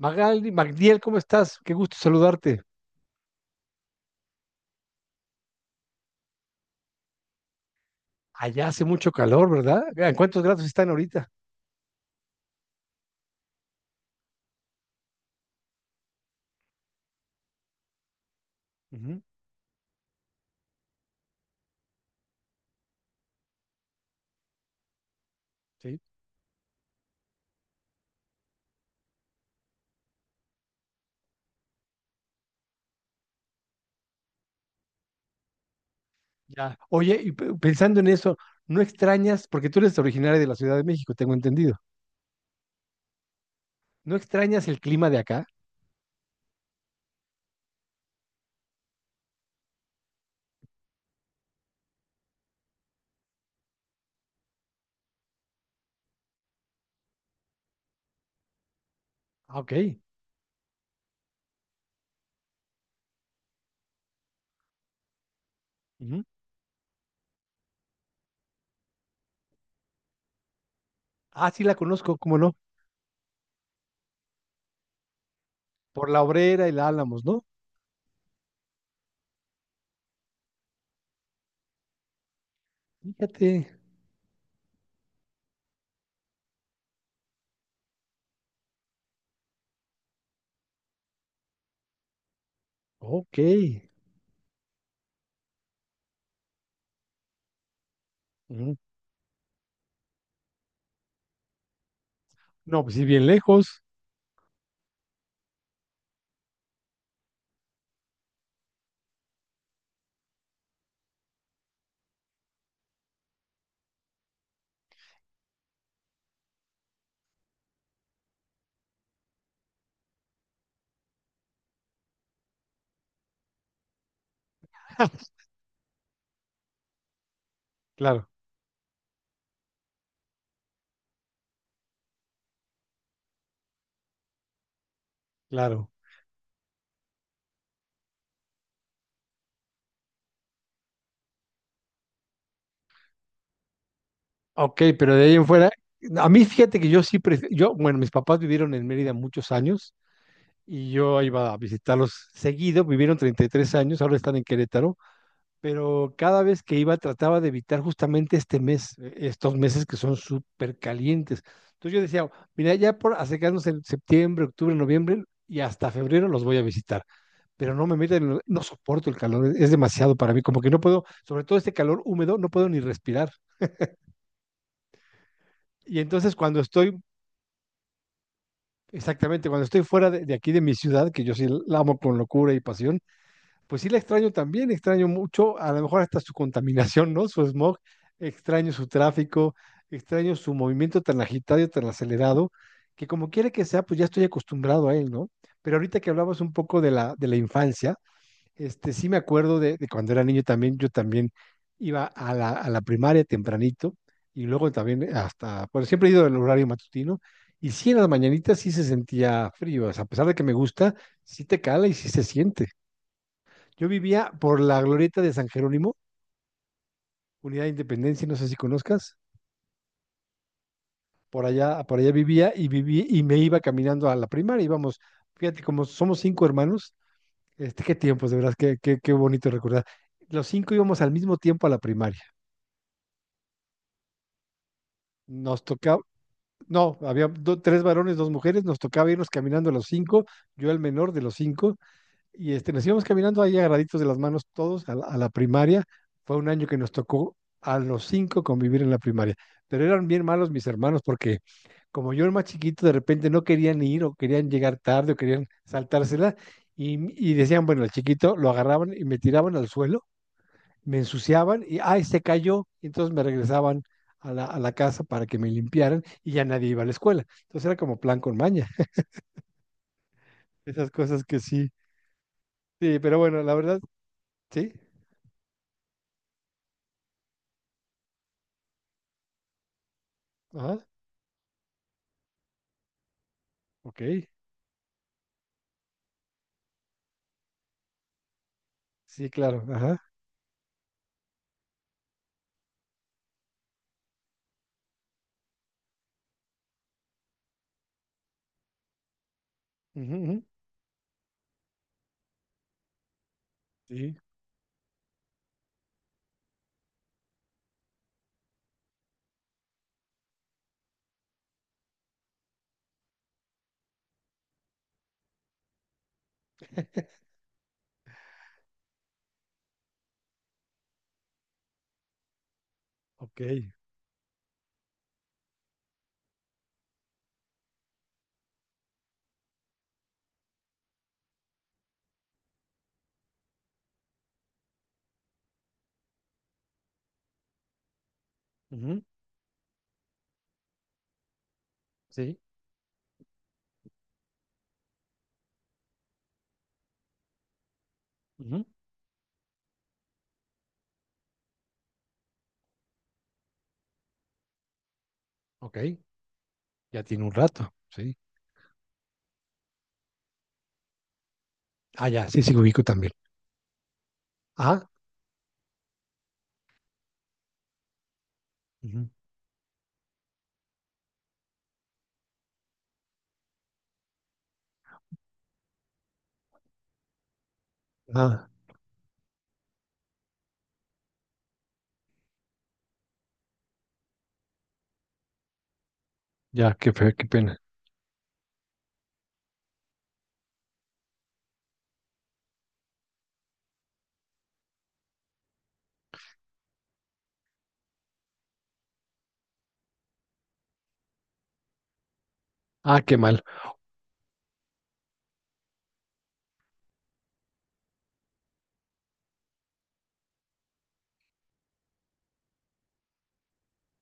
Magaldi, Magdiel, ¿cómo estás? Qué gusto saludarte. Allá hace mucho calor, ¿verdad? ¿En cuántos grados están ahorita? Ujú, sí, ya. Oye, y pensando en eso, ¿no extrañas, porque tú eres originaria de la Ciudad de México, tengo entendido, ¿no extrañas el clima de acá? Ah, ok. Ujú. Ah, sí la conozco, ¿cómo no? Por la Obrera y la Álamos, ¿no? Fíjate. Ok. Ujú. No, pues sí, bien lejos. Claro, claro. Ok, pero de ahí en fuera, a mí fíjate que yo sí, yo, bueno, mis papás vivieron en Mérida muchos años y yo iba a visitarlos seguido, vivieron 33 años, ahora están en Querétaro, pero cada vez que iba trataba de evitar justamente este mes, estos meses que son súper calientes. Entonces yo decía, mira, ya por acercarnos en septiembre, octubre, noviembre y hasta febrero los voy a visitar, pero no me meten, no soporto el calor, es demasiado para mí, como que no puedo, sobre todo este calor húmedo, no puedo ni respirar. Y entonces cuando estoy exactamente, cuando estoy fuera de aquí de mi ciudad, que yo sí la amo con locura y pasión. Pues sí, la extraño también, extraño mucho, a lo mejor hasta su contaminación, ¿no? Su smog, extraño su tráfico, extraño su movimiento tan agitado y tan acelerado, que como quiera que sea, pues ya estoy acostumbrado a él, ¿no? Pero ahorita que hablabas un poco de la infancia, este, sí me acuerdo de cuando era niño también, yo también iba a la primaria tempranito y luego también hasta, bueno, siempre he ido al horario matutino y sí en las mañanitas sí se sentía frío, o sea, a pesar de que me gusta, sí te cala y sí se siente. Yo vivía por la glorieta de San Jerónimo, Unidad de Independencia, no sé si conozcas. Por allá vivía y viví y me iba caminando a la primaria. Íbamos, fíjate, como somos cinco hermanos, este, qué tiempos, de verdad, qué, qué, qué bonito recordar. Los cinco íbamos al mismo tiempo a la primaria. Nos tocaba, no, había tres varones, dos mujeres, nos tocaba irnos caminando los cinco, yo el menor de los cinco, y este, nos íbamos caminando ahí agarraditos de las manos todos a la primaria. Fue un año que nos tocó a los cinco convivir en la primaria, pero eran bien malos mis hermanos porque como yo era más chiquito, de repente no querían ir o querían llegar tarde o querían saltársela y, y decían, bueno, el chiquito lo agarraban y me tiraban al suelo, me ensuciaban y, ay, se cayó, y entonces me regresaban a la casa para que me limpiaran y ya nadie iba a la escuela. Entonces era como plan con maña, esas cosas que sí, sí, pero bueno, la verdad, sí. Ajá. Ok, sí, claro, ajá. Ujú, ujú, sí, ok. Ujú, sí, ujú, ok. Ya tiene un rato, sí. Ah, ya, sí, sí, lo ubico también. Ah, ujú, ah, ya, qué pena. Ah, qué mal,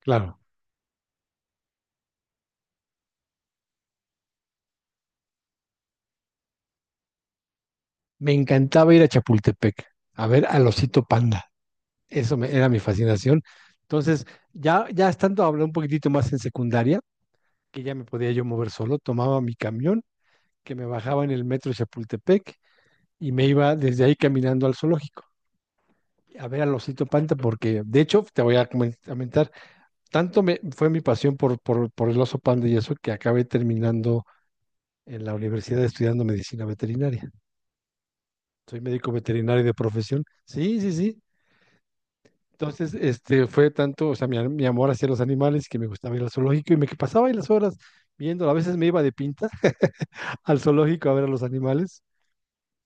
claro. Me encantaba ir a Chapultepec, a ver al osito panda. Era mi fascinación. Entonces, ya, ya estando hablando un poquitito más en secundaria, que ya me podía yo mover solo, tomaba mi camión, que me bajaba en el metro de Chapultepec y me iba desde ahí caminando al zoológico, a ver al Osito Panda, porque de hecho te voy a comentar, fue mi pasión por por el oso panda y eso que acabé terminando en la universidad estudiando medicina veterinaria. Soy médico veterinario de profesión. Sí, sí, sí. Entonces, este fue tanto, o sea, mi amor hacia los animales que me gustaba ir al zoológico y me que pasaba ahí las horas viendo, a veces me iba de pinta al zoológico a ver a los animales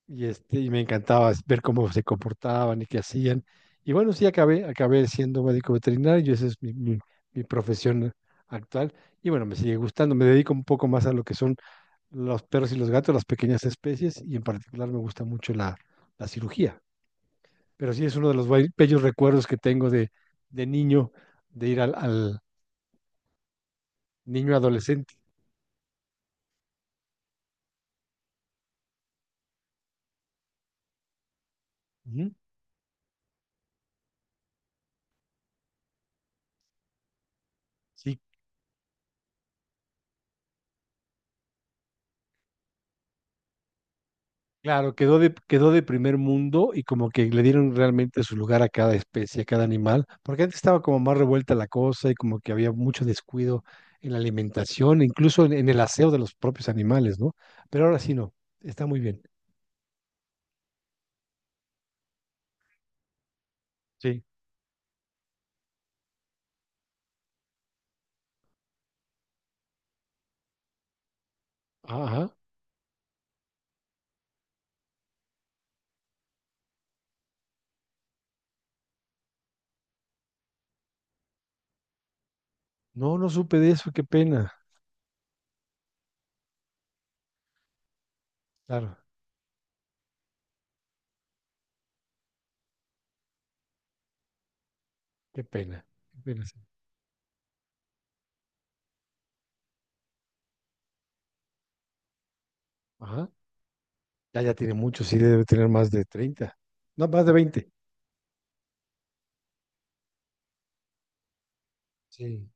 y, este, y me encantaba ver cómo se comportaban y qué hacían. Y bueno, sí, acabé, acabé siendo médico veterinario, esa es mi profesión actual. Y bueno, me sigue gustando, me dedico un poco más a lo que son los perros y los gatos, las pequeñas especies, y en particular me gusta mucho la cirugía. Pero sí es uno de los bellos recuerdos que tengo de niño, de ir al niño adolescente. Ujú. Sí, claro, quedó de primer mundo y como que le dieron realmente su lugar a cada especie, a cada animal, porque antes estaba como más revuelta la cosa y como que había mucho descuido en la alimentación, incluso en el aseo de los propios animales, ¿no? Pero ahora sí no, está muy bien. Sí. Ajá. No, no supe de eso, qué pena. Claro, qué pena. Qué pena, sí. Ajá. Ya, ya tiene mucho, sí, debe tener más de 30. No, más de 20. Sí.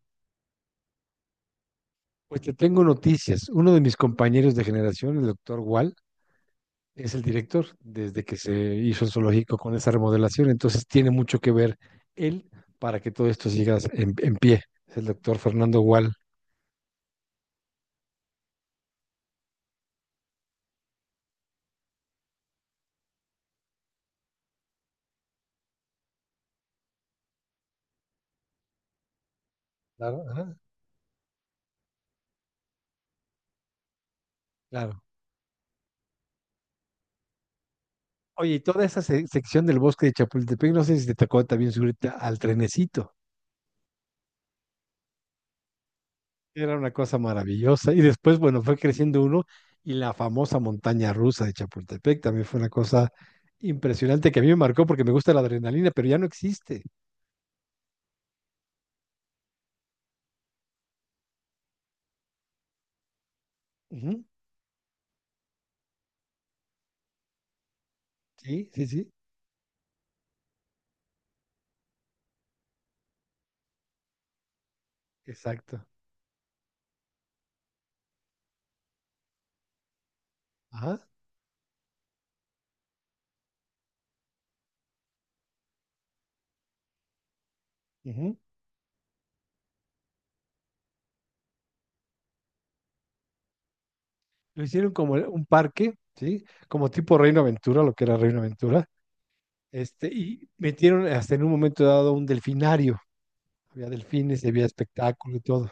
Pues te tengo noticias. Uno de mis compañeros de generación, el doctor Wall, es el director desde que se hizo el zoológico con esa remodelación, entonces tiene mucho que ver él para que todo esto siga en pie. Es el doctor Fernando Gual. Claro, ajá, claro. Oye, y toda esa sección del bosque de Chapultepec, no sé si te tocó también subirte al trenecito. Era una cosa maravillosa. Y después, bueno, fue creciendo uno y la famosa montaña rusa de Chapultepec también fue una cosa impresionante que a mí me marcó porque me gusta la adrenalina, pero ya no existe. Ujú, sí, sí, sí, exacto. Ajá. Ujú. Lo hicieron como un parque, ¿sí? Como tipo Reino Aventura, lo que era Reino Aventura. Este, y metieron hasta en un momento dado un delfinario. Había delfines, y había espectáculo y todo.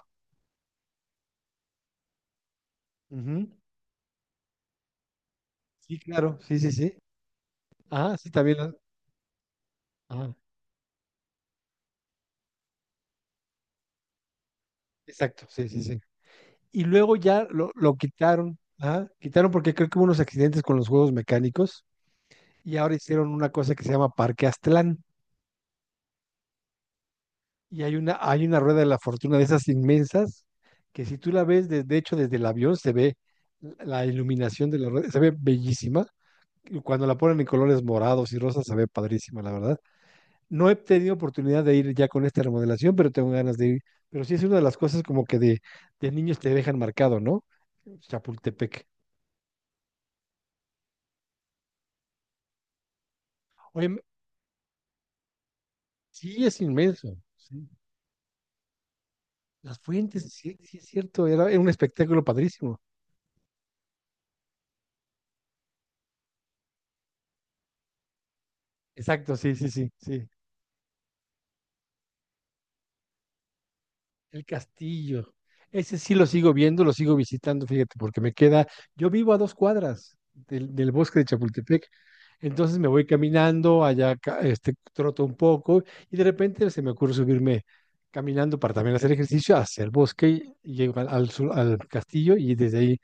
Ujú. Sí, claro, sí, sí, sí. Ah, sí, también. Ah, exacto, sí, sí, sí. Y luego ya lo quitaron, ah, quitaron porque creo que hubo unos accidentes con los juegos mecánicos y ahora hicieron una cosa que se llama Parque Aztlán. Y hay una rueda de la fortuna de esas inmensas que si tú la ves, de hecho desde el avión se ve la iluminación de la rueda, se ve bellísima. Y cuando la ponen en colores morados y rosas se ve padrísima, la verdad. No he tenido oportunidad de ir ya con esta remodelación, pero tengo ganas de ir. Pero sí es una de las cosas como que de niños te dejan marcado, ¿no? Chapultepec. Oye, sí es inmenso. Sí. Las fuentes, sí, sí es cierto, era un espectáculo padrísimo. Exacto, sí, sí, sí, sí. El castillo. Ese sí lo sigo viendo, lo sigo visitando, fíjate, porque me queda, yo vivo a 2 cuadras del bosque de Chapultepec, entonces me voy caminando, allá este, troto un poco y de repente se me ocurre subirme caminando para también hacer ejercicio hacia el bosque y llego al castillo y desde ahí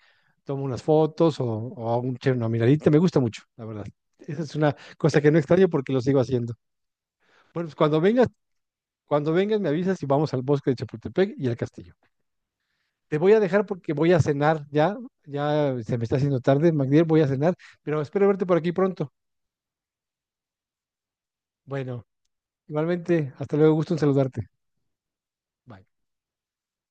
tomo unas fotos o hago un, una miradita, me gusta mucho, la verdad. Esa es una cosa que no extraño porque lo sigo haciendo. Bueno, pues cuando vengas me avisas y vamos al bosque de Chapultepec y al castillo. Te voy a dejar porque voy a cenar ya. Ya se me está haciendo tarde, Magdiel, voy a cenar, pero espero verte por aquí pronto. Bueno, igualmente, hasta luego, gusto en saludarte. Bye.